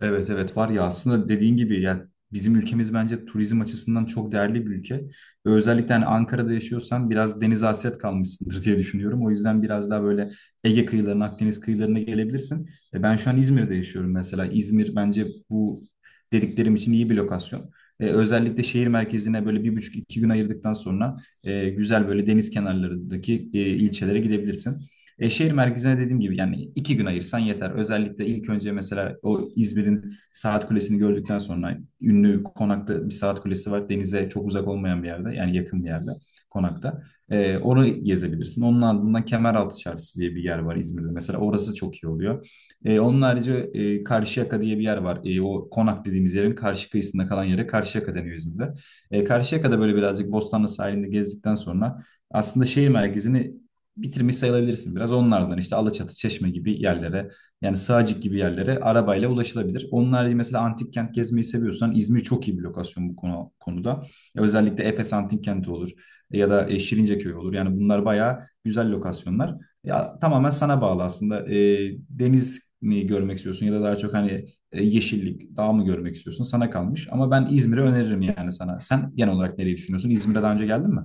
Evet evet var ya aslında dediğin gibi yani bizim ülkemiz bence turizm açısından çok değerli bir ülke. Ve özellikle hani Ankara'da yaşıyorsan biraz denize hasret kalmışsındır diye düşünüyorum. O yüzden biraz daha böyle Ege kıyılarına, Akdeniz kıyılarına gelebilirsin. Ben şu an İzmir'de yaşıyorum mesela. İzmir bence bu dediklerim için iyi bir lokasyon. Özellikle şehir merkezine böyle 1,5 2 gün ayırdıktan sonra güzel böyle deniz kenarlarındaki ilçelere gidebilirsin. Şehir merkezine dediğim gibi yani 2 gün ayırsan yeter. Özellikle ilk önce mesela o İzmir'in Saat Kulesi'ni gördükten sonra ünlü konakta bir Saat Kulesi var. Denize çok uzak olmayan bir yerde yani yakın bir yerde konakta. Orayı gezebilirsin. Onun ardından Kemeraltı Çarşısı diye bir yer var İzmir'de. Mesela orası çok iyi oluyor. Onun harici Karşıyaka diye bir yer var. O konak dediğimiz yerin karşı kıyısında kalan yere Karşıyaka deniyor İzmir'de. Karşıyaka'da böyle birazcık Bostanlı sahilinde gezdikten sonra aslında şehir merkezini bitirmiş sayılabilirsin biraz. Onlardan işte Alaçatı, Çeşme gibi yerlere yani Sığacık gibi yerlere arabayla ulaşılabilir. Onun harici mesela antik kent gezmeyi seviyorsan İzmir çok iyi bir lokasyon bu konuda. Ya özellikle Efes Antik Kenti olur ya da Şirinceköy olur. Yani bunlar bayağı güzel lokasyonlar. Ya tamamen sana bağlı aslında. Deniz mi görmek istiyorsun ya da daha çok hani yeşillik, dağ mı görmek istiyorsun? Sana kalmış. Ama ben İzmir'i öneririm yani sana. Sen genel olarak nereyi düşünüyorsun? İzmir'e daha önce geldin mi?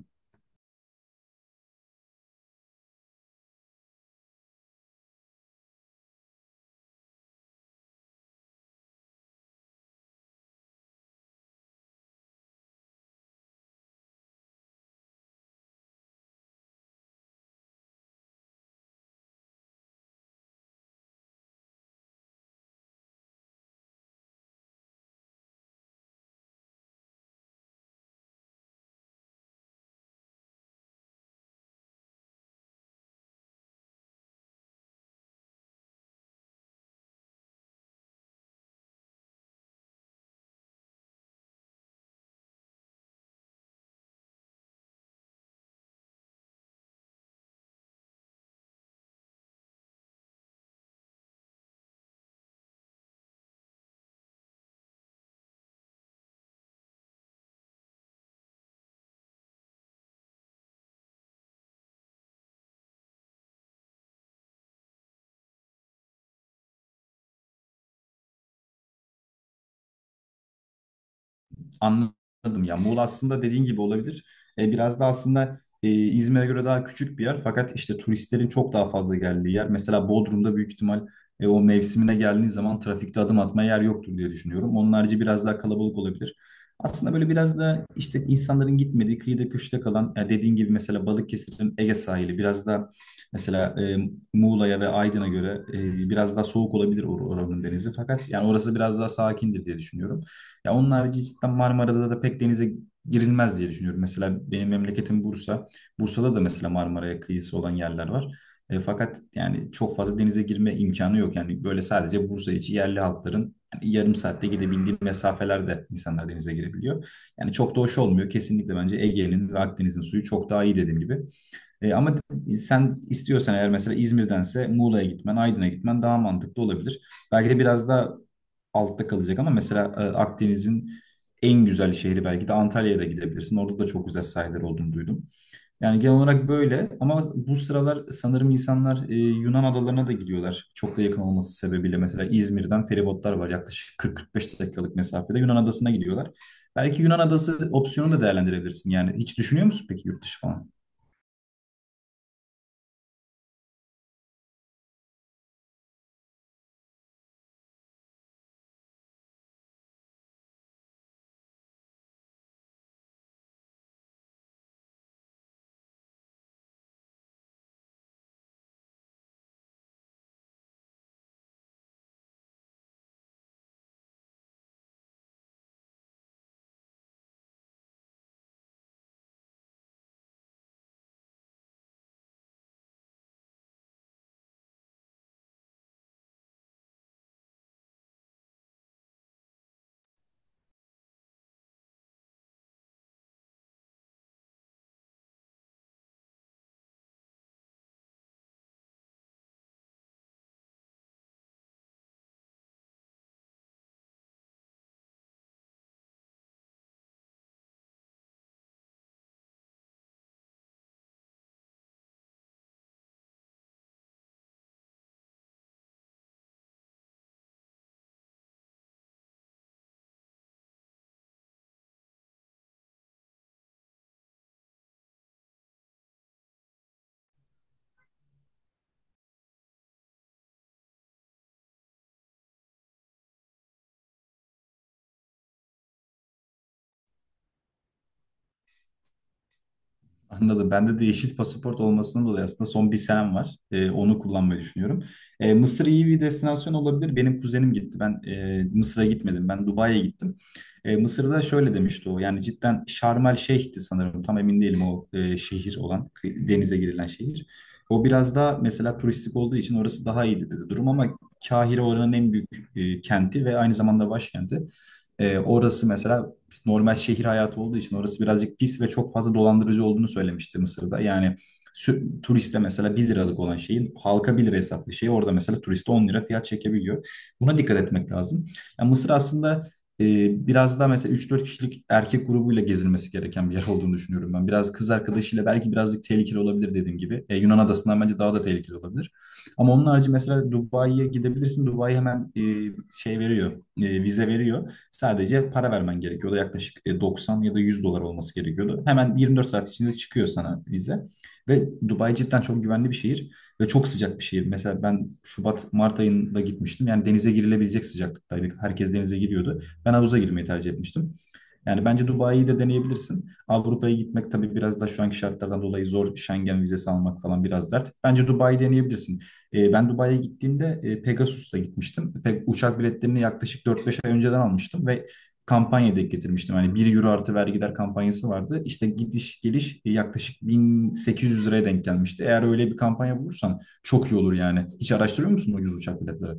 Anladım ya. Muğla aslında dediğin gibi olabilir. Biraz da aslında İzmir'e göre daha küçük bir yer. Fakat işte turistlerin çok daha fazla geldiği yer. Mesela Bodrum'da büyük ihtimal o mevsimine geldiğiniz zaman trafikte adım atmaya yer yoktur diye düşünüyorum. Onun harici biraz daha kalabalık olabilir. Aslında böyle biraz da işte insanların gitmediği kıyıda köşede kalan ya dediğin gibi mesela Balıkesir'in Ege sahili biraz da mesela Muğla'ya ve Aydın'a göre biraz daha soğuk olabilir oranın denizi. Fakat yani orası biraz daha sakindir diye düşünüyorum. Ya onun harici cidden Marmara'da da pek denize girilmez diye düşünüyorum. Mesela benim memleketim Bursa. Bursa'da da mesela Marmara'ya kıyısı olan yerler var. Fakat yani çok fazla denize girme imkanı yok. Yani böyle sadece Bursa içi yerli halkların yani yarım saatte gidebildiği mesafelerde insanlar denize girebiliyor. Yani çok da hoş olmuyor. Kesinlikle bence Ege'nin ve Akdeniz'in suyu çok daha iyi dediğim gibi. Ama sen istiyorsan eğer mesela İzmir'dense Muğla'ya gitmen, Aydın'a gitmen daha mantıklı olabilir. Belki de biraz da altta kalacak ama mesela Akdeniz'in en güzel şehri belki de Antalya'ya da gidebilirsin. Orada da çok güzel sahilleri olduğunu duydum. Yani genel olarak böyle ama bu sıralar sanırım insanlar Yunan adalarına da gidiyorlar. Çok da yakın olması sebebiyle mesela İzmir'den feribotlar var yaklaşık 40-45 dakikalık mesafede Yunan adasına gidiyorlar. Belki Yunan adası opsiyonu da değerlendirebilirsin. Yani hiç düşünüyor musun peki yurt dışı falan? Anladım. Bende de yeşil pasaport olmasından dolayı aslında son bir senem var. Onu kullanmayı düşünüyorum. Mısır iyi bir destinasyon olabilir. Benim kuzenim gitti. Ben Mısır'a gitmedim. Ben Dubai'ye gittim. Mısır'da şöyle demişti o. Yani cidden Şarm El Şeyh'ti sanırım. Tam emin değilim o şehir olan, denize girilen şehir. O biraz daha mesela turistik olduğu için orası daha iyiydi dedi durum ama Kahire oranın en büyük kenti ve aynı zamanda başkenti. Orası mesela normal şehir hayatı olduğu için orası birazcık pis ve çok fazla dolandırıcı olduğunu söylemişti Mısır'da. Yani turiste mesela 1 liralık olan şeyin halka 1 lira hesaplı şeyi orada mesela turiste 10 lira fiyat çekebiliyor. Buna dikkat etmek lazım. Yani Mısır aslında e, biraz daha mesela 3-4 kişilik erkek grubuyla gezilmesi gereken bir yer olduğunu düşünüyorum ben. Biraz kız arkadaşıyla belki birazcık tehlikeli olabilir dediğim gibi. Yunan adasından bence daha da tehlikeli olabilir. Ama onun harici mesela Dubai'ye gidebilirsin. Dubai hemen şey veriyor, vize veriyor. Sadece para vermen gerekiyordu. Yaklaşık 90 ya da 100 dolar olması gerekiyordu. Hemen 24 saat içinde çıkıyor sana vize. Ve Dubai cidden çok güvenli bir şehir ve çok sıcak bir şehir. Mesela ben Şubat, Mart ayında gitmiştim. Yani denize girilebilecek sıcaklıktaydı. Herkes denize giriyordu. Ben havuza girmeyi tercih etmiştim. Yani bence Dubai'yi de deneyebilirsin. Avrupa'ya gitmek tabii biraz da şu anki şartlardan dolayı zor. Schengen vizesi almak falan biraz dert. Bence Dubai'yi deneyebilirsin. Ben Dubai'ye gittiğimde Pegasus'ta gitmiştim. Uçak biletlerini yaklaşık 4 5 ay önceden almıştım ve kampanya denk getirmiştim. Hani 1 euro artı vergiler kampanyası vardı. İşte gidiş geliş yaklaşık 1800 liraya denk gelmişti. Eğer öyle bir kampanya bulursan çok iyi olur yani. Hiç araştırıyor musun ucuz uçak biletleri?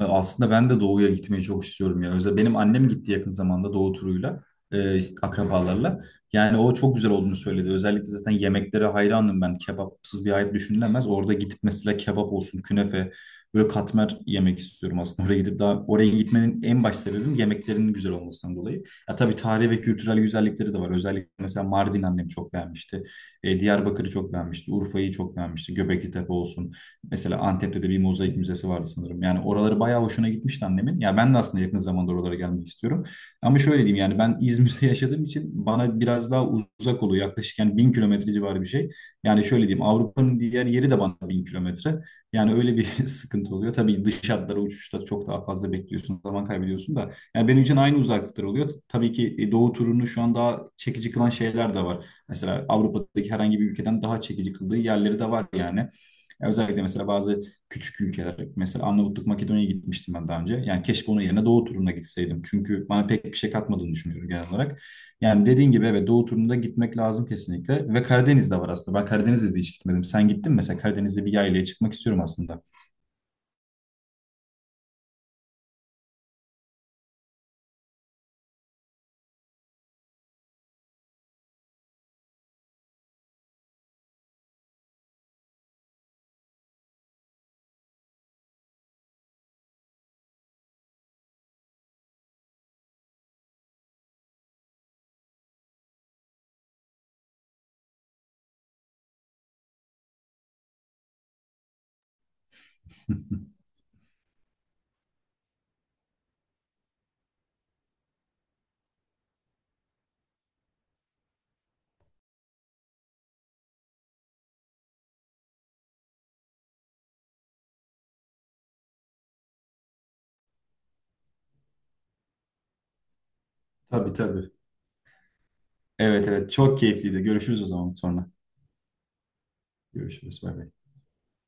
Aslında ben de Doğu'ya gitmeyi çok istiyorum ya. Özellikle benim annem gitti yakın zamanda Doğu turuyla, akrabalarla. Yani o çok güzel olduğunu söyledi. Özellikle zaten yemeklere hayranım ben. Kebapsız bir hayat düşünülemez. Orada gidip mesela kebap olsun, künefe, böyle katmer yemek istiyorum aslında. Oraya gidip daha oraya gitmenin en baş sebebim yemeklerinin güzel olmasından dolayı. Ya tabii tarihi ve kültürel güzellikleri de var. Özellikle mesela Mardin annem çok beğenmişti. Diyarbakır'ı çok beğenmişti. Urfa'yı çok beğenmişti. Göbekli Tepe olsun. Mesela Antep'te de bir mozaik müzesi vardı sanırım. Yani oraları bayağı hoşuna gitmişti annemin. Ya ben de aslında yakın zamanda oralara gelmek istiyorum. Ama şöyle diyeyim yani ben İzmir'de yaşadığım için bana biraz daha uzak oluyor. Yaklaşık yani 1.000 kilometre civarı bir şey. Yani şöyle diyeyim Avrupa'nın diğer yeri de bana 1.000 kilometre. Yani öyle bir sıkıntı oluyor. Tabii dış hatlara uçuşta çok daha fazla bekliyorsun, zaman kaybediyorsun da. Yani benim için aynı uzaklıklar oluyor. Tabii ki doğu turunu şu an daha çekici kılan şeyler de var. Mesela Avrupa'daki herhangi bir ülkeden daha çekici kıldığı yerleri de var yani. Ya özellikle mesela bazı küçük ülkeler, mesela Arnavutluk, Makedonya'ya gitmiştim ben daha önce. Yani keşke onun yerine Doğu turuna gitseydim. Çünkü bana pek bir şey katmadığını düşünüyorum genel olarak. Yani dediğin gibi evet Doğu turuna gitmek lazım kesinlikle. Ve Karadeniz'de var aslında. Ben Karadeniz'de de hiç gitmedim. Sen gittin mi? Mesela Karadeniz'de bir yaylaya çıkmak istiyorum aslında. Tabii tabii. Evet evet çok keyifliydi. Görüşürüz o zaman sonra. Görüşürüz. Bay bay.